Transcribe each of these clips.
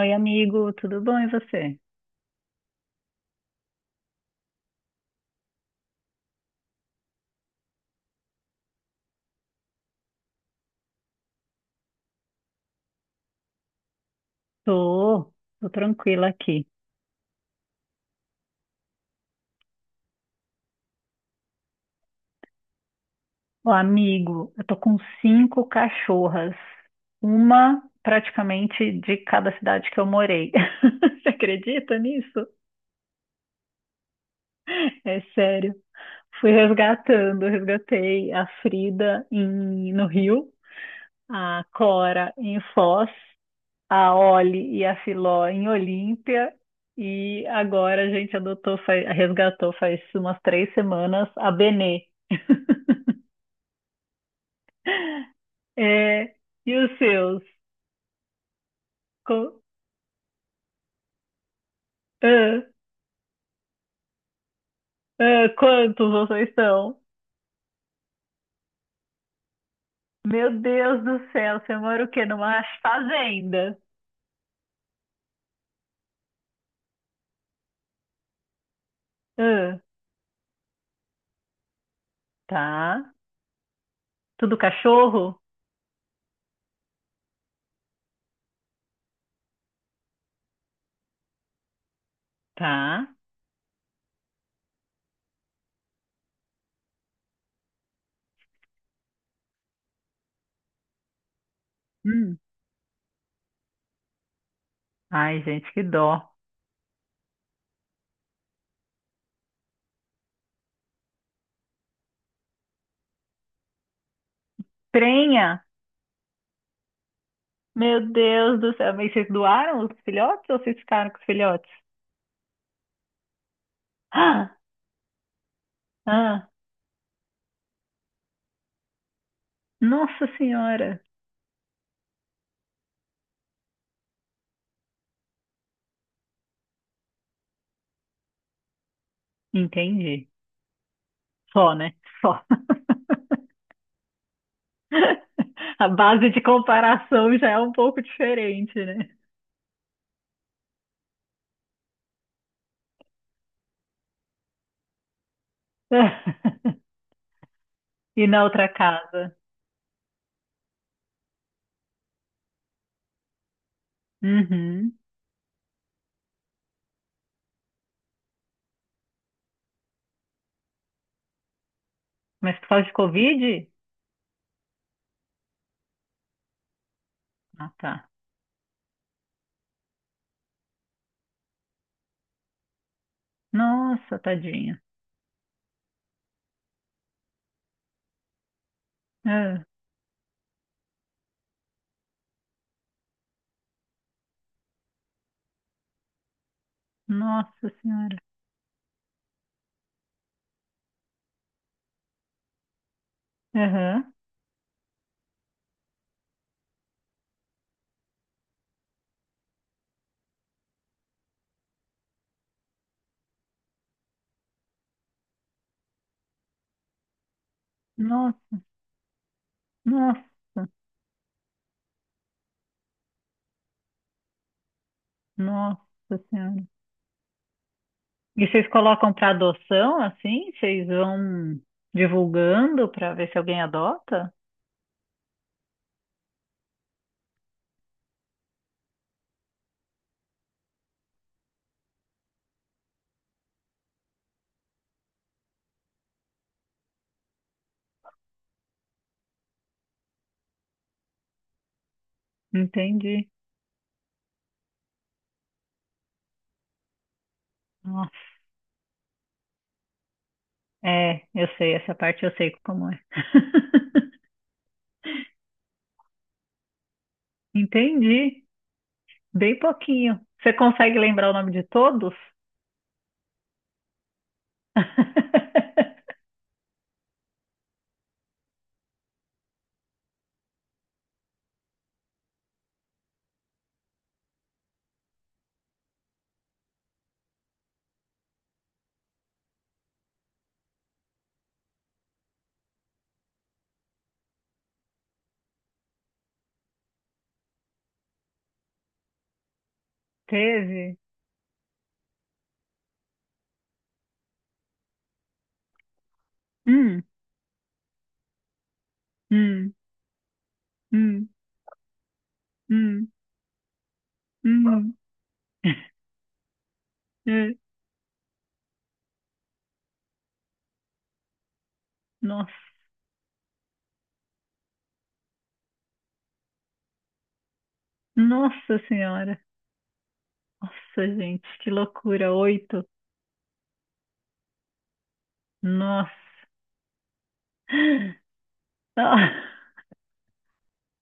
Oi, amigo, tudo bom e você? Tô, tô tranquila aqui. Ô, amigo, eu tô com cinco cachorras, uma praticamente de cada cidade que eu morei. Você acredita nisso? É sério. Fui resgatando, resgatei a Frida no Rio, a Cora em Foz, a Oli e a Filó em Olímpia. E agora a gente adotou, resgatou faz umas três semanas a Benê. É, e os seus? Co- ah, quantos vocês são? Meu Deus do céu, você mora o quê? Numa fazenda? Ah, tá. Tudo cachorro? Tá. Hum. Ai, gente, que dó. Prenha? Meu Deus do céu. Mas vocês doaram os filhotes ou vocês ficaram com os filhotes? Ah, ah, nossa senhora. Entendi. Só, né? Só. A base de comparação já é um pouco diferente, né? E na outra casa? Uhum. Mas por causa de Covid? Ah, tá. Nossa, tadinha. Ah, nossa senhora. Aham. Nossa, nossa, nossa senhora. E vocês colocam para adoção assim? Vocês vão divulgando para ver se alguém adota? Entendi. Nossa. É, eu sei, essa parte eu sei como é. Entendi. Bem pouquinho. Você consegue lembrar o nome de todos? Teve? Hum, hum, hum, hum, hum. Eh, nossa, nossa senhora. Nossa, gente, que loucura. Oito. Nossa. Ah,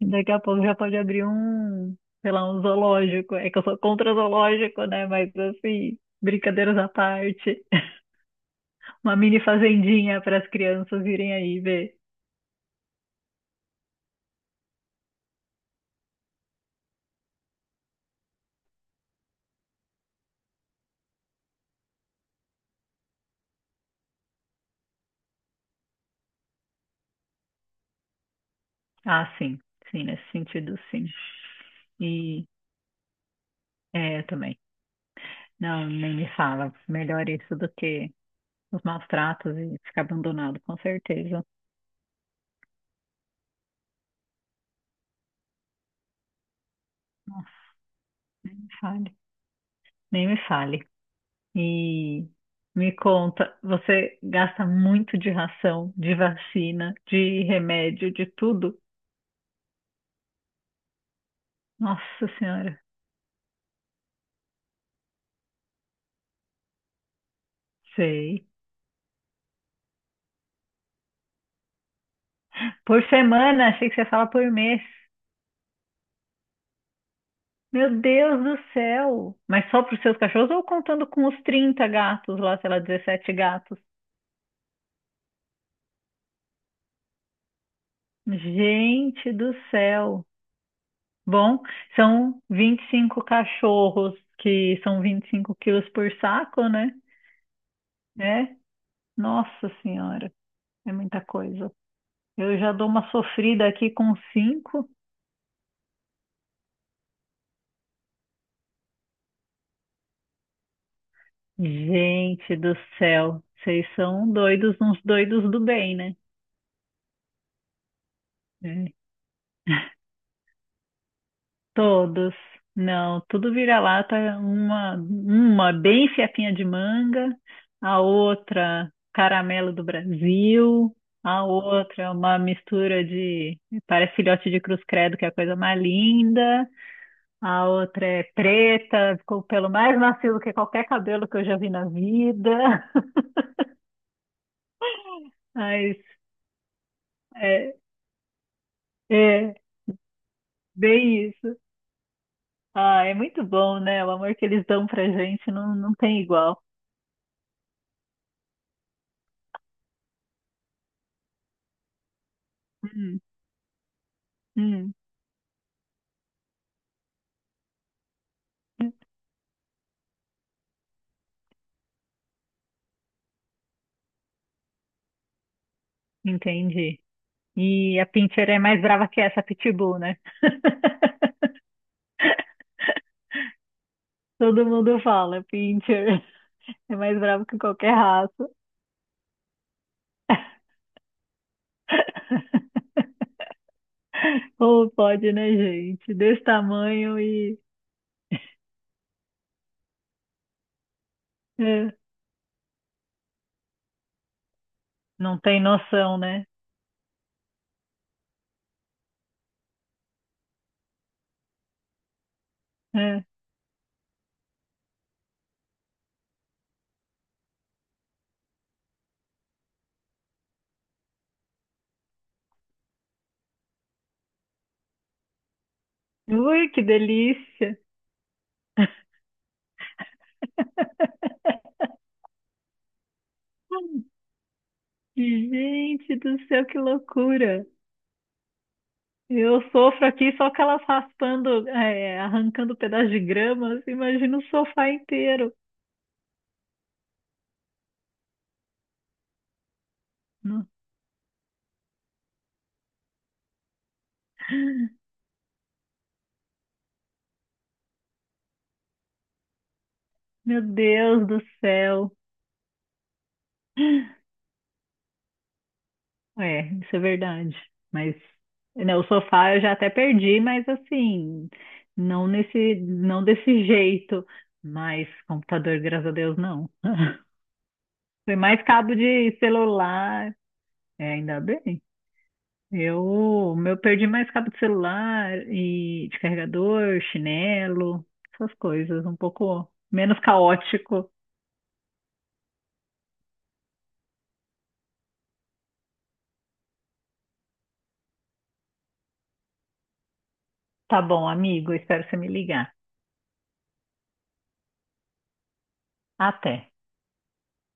daqui a pouco já pode abrir um, sei lá, um zoológico. É que eu sou contra zoológico, né? Mas assim, brincadeiras à parte. Uma mini fazendinha para as crianças virem aí ver. Ah, sim. Sim, nesse sentido, sim. E é, eu também. Não, nem me fala. Melhor isso do que os maus tratos e ficar abandonado, com certeza. Nossa, nem me fale. Nem me fale. E me conta, você gasta muito de ração, de vacina, de remédio, de tudo? Nossa Senhora, sei. Por semana, achei que você fala por mês. Meu Deus do céu! Mas só para os seus cachorros ou contando com os 30 gatos lá, sei lá, 17 gatos? Gente do céu! Bom, são 25 cachorros, que são 25 quilos por saco, né? É, nossa senhora, é muita coisa. Eu já dou uma sofrida aqui com cinco. Gente do céu, vocês são doidos, uns doidos do bem, né? É. Todos. Não, tudo vira-lata, uma bem fiapinha de manga, a outra caramelo do Brasil, a outra uma mistura de, parece filhote de cruz credo, que é a coisa mais linda, a outra é preta, ficou o pelo mais macio do que qualquer cabelo que eu já vi na vida, mas é, é bem isso. Ah, é muito bom, né? O amor que eles dão pra gente não, não tem igual. Hum, hum. Entendi. E a Pinscher é mais brava que essa Pitbull, né? Todo mundo fala, Pinscher é mais brava que qualquer raça. Ou pode, né, gente? Desse tamanho é, não tem noção, né? É. Ui, que delícia! Gente do céu, que loucura! Eu sofro aqui só com elas raspando, é, arrancando pedaço de grama. Assim, imagina o sofá inteiro. No- Meu Deus do céu! É, isso é verdade. Mas né, o sofá eu já até perdi, mas assim, não desse jeito. Mas computador, graças a Deus, não. Foi mais cabo de celular. É, ainda bem. Eu, meu, perdi mais cabo de celular e de carregador, chinelo, essas coisas, um pouco menos caótico. Tá bom, amigo, espero você me ligar. Até.